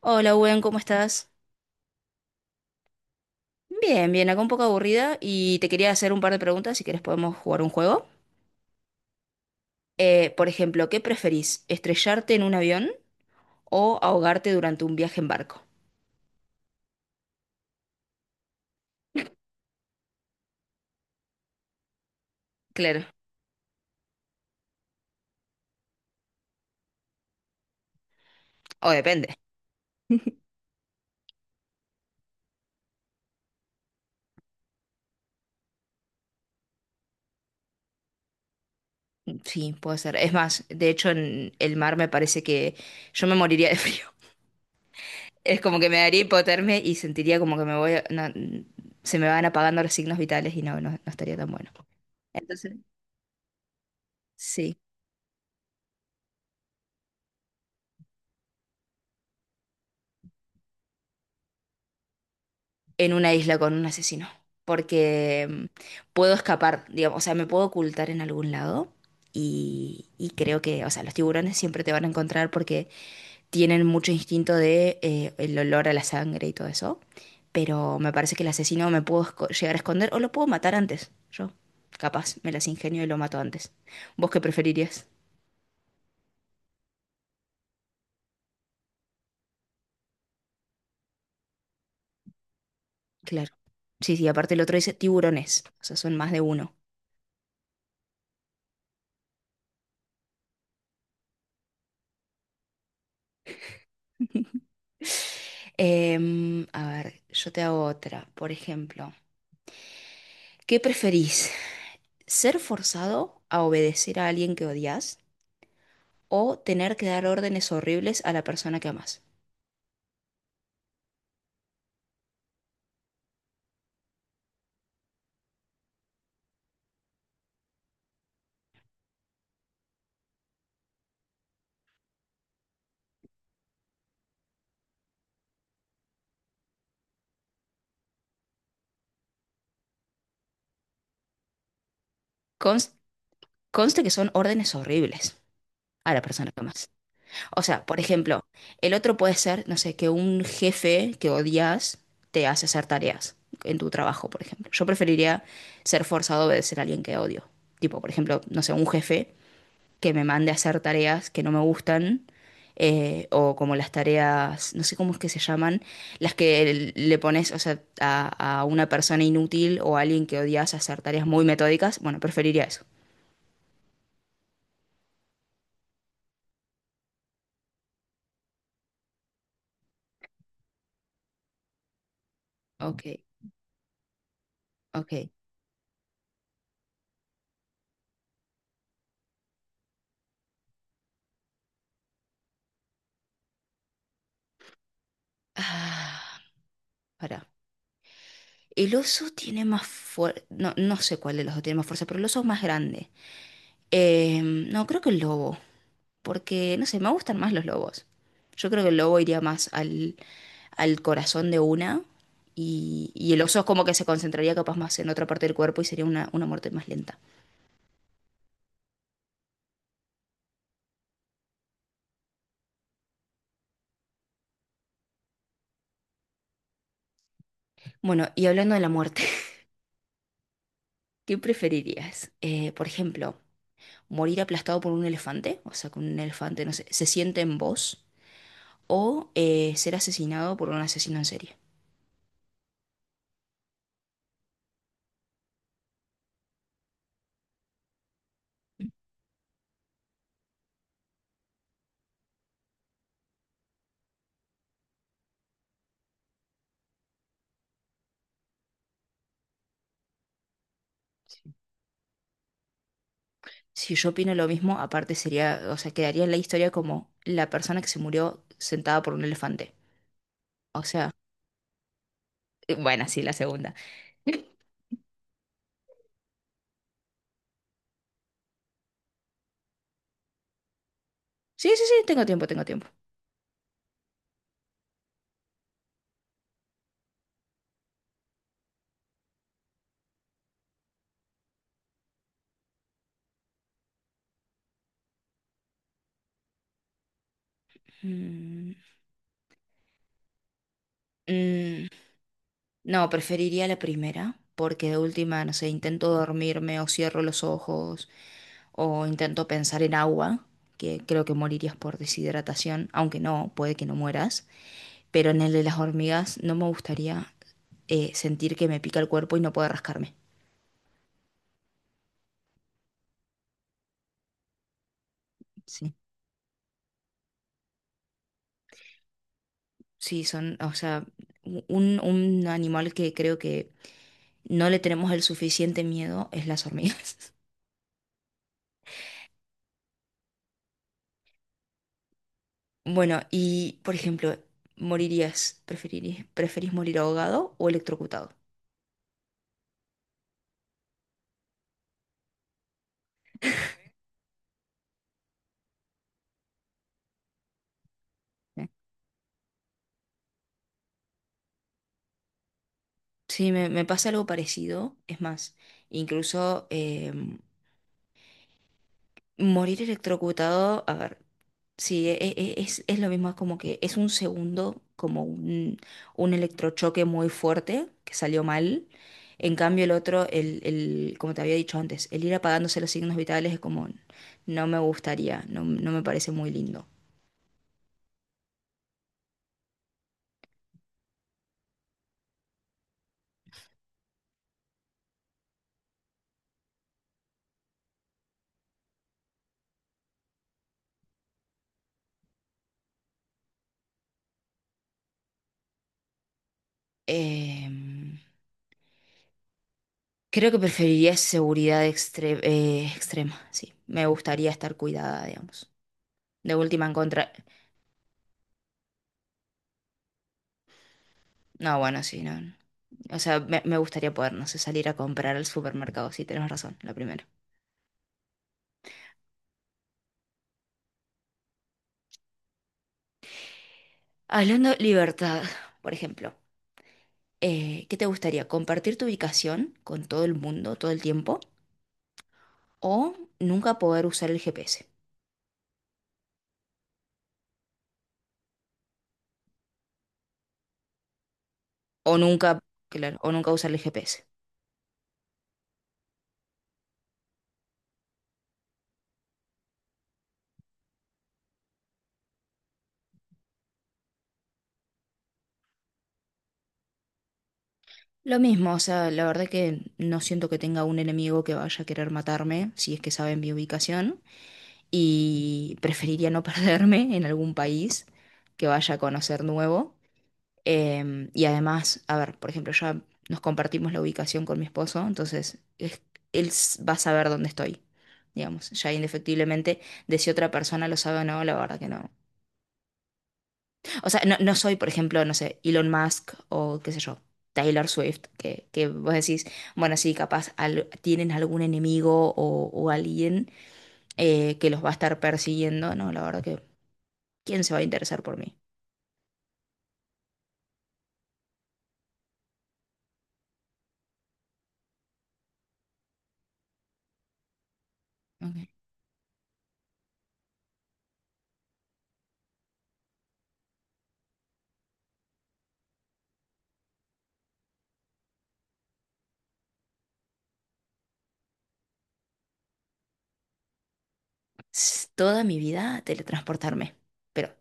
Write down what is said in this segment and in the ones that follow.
Hola, Gwen, ¿cómo estás? Bien, bien, acá un poco aburrida y te quería hacer un par de preguntas, si quieres, podemos jugar un juego. Por ejemplo, ¿qué preferís? ¿Estrellarte en un avión o ahogarte durante un viaje en barco? Claro, o depende. Sí, puede ser. Es más, de hecho en el mar me parece que yo me moriría de frío. Es como que me daría hipotermia y sentiría como que me voy, no, se me van apagando los signos vitales y no, no, no estaría tan bueno. Entonces, sí. En una isla con un asesino, porque puedo escapar, digamos, o sea, me puedo ocultar en algún lado y creo que, o sea, los tiburones siempre te van a encontrar porque tienen mucho instinto de el olor a la sangre y todo eso, pero me parece que el asesino me puedo esco- llegar a esconder o lo puedo matar antes, yo, capaz, me las ingenio y lo mato antes. ¿Vos qué preferirías? Claro. Sí, sí, aparte el otro dice tiburones, o sea, son más de uno. A ver, yo te hago otra. Por ejemplo, ¿qué preferís? ¿Ser forzado a obedecer a alguien que odias o tener que dar órdenes horribles a la persona que amas? Cons- Conste que son órdenes horribles a la persona que amas. O sea, por ejemplo, el otro puede ser, no sé, que un jefe que odias te hace hacer tareas en tu trabajo, por ejemplo. Yo preferiría ser forzado a obedecer a alguien que odio. Tipo, por ejemplo, no sé, un jefe que me mande a hacer tareas que no me gustan, o como las tareas, no sé cómo es que se llaman, las que le pones, o sea, a una persona inútil o a alguien que odias a hacer tareas muy metódicas, bueno, preferiría eso. Ok, ok. Ah, pará. El oso tiene más fuerza. No, no sé cuál de los dos tiene más fuerza, pero el oso es más grande. No, creo que el lobo. Porque, no sé, me gustan más los lobos. Yo creo que el lobo iría más al, al corazón de una y el oso es como que se concentraría capaz más en otra parte del cuerpo y sería una muerte más lenta. Bueno, y hablando de la muerte, ¿qué preferirías? Por ejemplo, morir aplastado por un elefante, o sea, que un elefante, no sé, se siente en vos, o ser asesinado por un asesino en serie. Sí. Si yo opino lo mismo, aparte sería, o sea, quedaría en la historia como la persona que se murió sentada por un elefante. O sea, bueno, sí, la segunda. Sí, sí, sí, tengo tiempo, tengo tiempo. Mm, Mm, no, preferiría la primera, porque de última, no sé, intento dormirme o cierro los ojos o intento pensar en agua, que creo que morirías por deshidratación, aunque no, puede que no mueras, pero en el de las hormigas no me gustaría sentir que me pica el cuerpo y no poder rascarme. Sí, sí, son, o sea, un animal que creo que no le tenemos el suficiente miedo es las hormigas. Bueno, y por ejemplo, preferís morir ahogado o electrocutado? ¿Eh? Sí, me pasa algo parecido. Es más, incluso morir electrocutado, a ver, sí, es lo mismo, es como que es un segundo, como un electrochoque muy fuerte que salió mal. En cambio, el otro, el, como te había dicho antes, el ir apagándose los signos vitales es como, no me gustaría, no, no me parece muy lindo. Em, Creo que preferiría extrema, sí. Me gustaría estar cuidada, digamos. De última en contra... No, bueno, sí, no. No. O sea, me gustaría poder, no sé, salir a comprar al supermercado, sí, tenés razón, la primera. Hablando de libertad, por ejemplo, ¿qué te gustaría? ¿Compartir tu ubicación con todo el mundo todo el tiempo? ¿O nunca poder usar el GPS? O nunca, claro, o nunca usar el GPS. Lo mismo, o sea, la verdad que no siento que tenga un enemigo que vaya a querer matarme si es que saben mi ubicación. Y preferiría no perderme en algún país que vaya a conocer nuevo. Y además, a ver, por ejemplo, ya nos compartimos la ubicación con mi esposo, entonces él va a saber dónde estoy, digamos, ya indefectiblemente, de si otra persona lo sabe o no, la verdad que no. O sea, no, no soy, por ejemplo, no sé, Elon Musk o qué sé yo. Taylor Swift, que vos decís, bueno, sí, capaz tienen algún enemigo o alguien que los va a estar persiguiendo, no, la verdad ¿quién se va a interesar por mí? Ok. Toda mi vida teletransportarme. Pero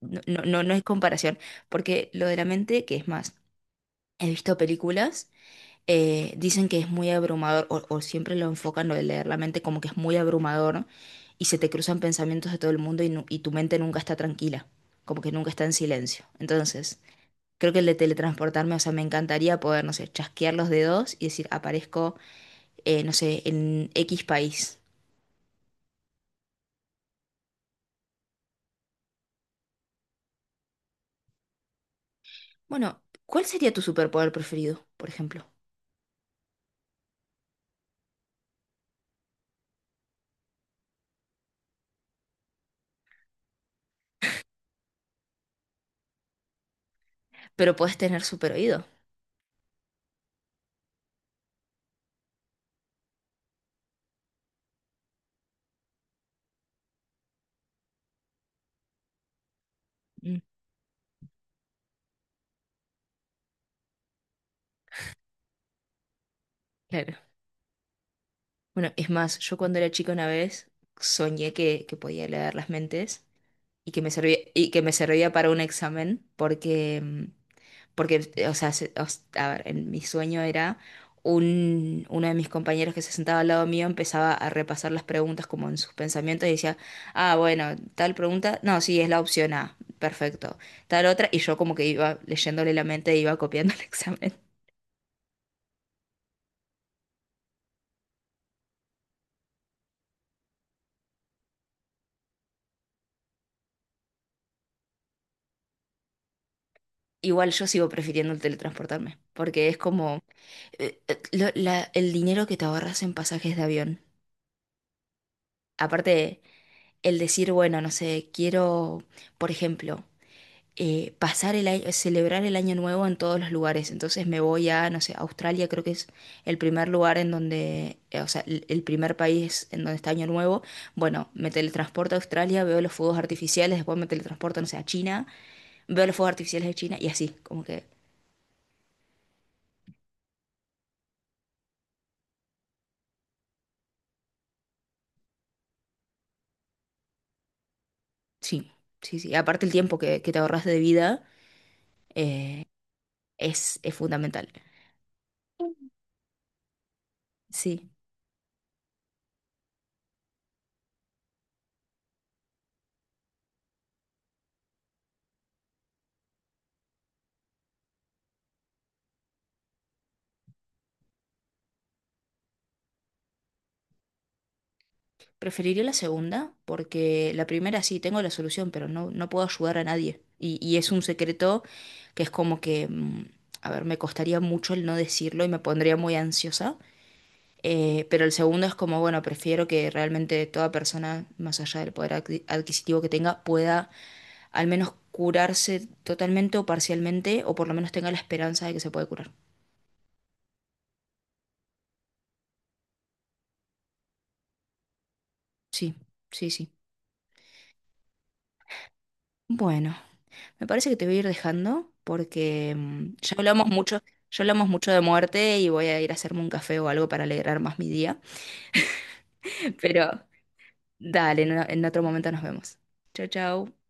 no, no, no, no es comparación, porque lo de la mente, que es más, he visto películas, dicen que es muy abrumador, o siempre lo enfocan lo de leer la mente como que es muy abrumador, ¿no? Y se te cruzan pensamientos de todo el mundo y, y tu mente nunca está tranquila, como que nunca está en silencio. Entonces, creo que el de teletransportarme, o sea, me encantaría poder, no sé, chasquear los dedos y decir, aparezco, no sé, en X país. Bueno, ¿cuál sería tu superpoder preferido, por ejemplo? Pero podés tener super oído. Mm, claro. Bueno, es más, yo cuando era chica una vez soñé que podía leer las mentes y que me servía, y que me servía para un examen porque porque, o sea, a ver, en mi sueño era un, uno de mis compañeros que se sentaba al lado mío empezaba a repasar las preguntas como en sus pensamientos y decía, ah, bueno, tal pregunta, no, sí, es la opción A, perfecto, tal otra, y yo como que iba leyéndole la mente e iba copiando el examen. Igual yo sigo prefiriendo el teletransportarme, porque es como el dinero que te ahorras en pasajes de avión. Aparte, el decir, bueno, no sé, quiero, por ejemplo, pasar el año, celebrar el año nuevo en todos los lugares. Entonces me voy a, no sé, Australia creo que es el primer lugar en donde, o sea, el primer país en donde está año nuevo. Bueno, me teletransporto a Australia, veo los fuegos artificiales, después me teletransporto, no sé, a China, veo los fuegos artificiales de China y así, como que sí, sí, sí. Aparte el tiempo que te ahorras de vida eh, es fundamental. Sí. Preferiría la segunda, porque la primera sí tengo la solución, pero no, no puedo ayudar a nadie. Y es un secreto que es como que, a ver, me costaría mucho el no decirlo y me pondría muy ansiosa. Pero el segundo es como, bueno, prefiero que realmente toda persona, más allá del adquisitivo que tenga, pueda al menos curarse totalmente o parcialmente, o por lo menos tenga la esperanza de que se puede curar. Sí, sí, sí. Bueno. Me parece que te voy a ir dejando porque ya hablamos mucho de muerte y voy a ir a hacerme un café o algo para alegrar más mi día. Pero dale, en otro momento nos vemos. Chau, chau.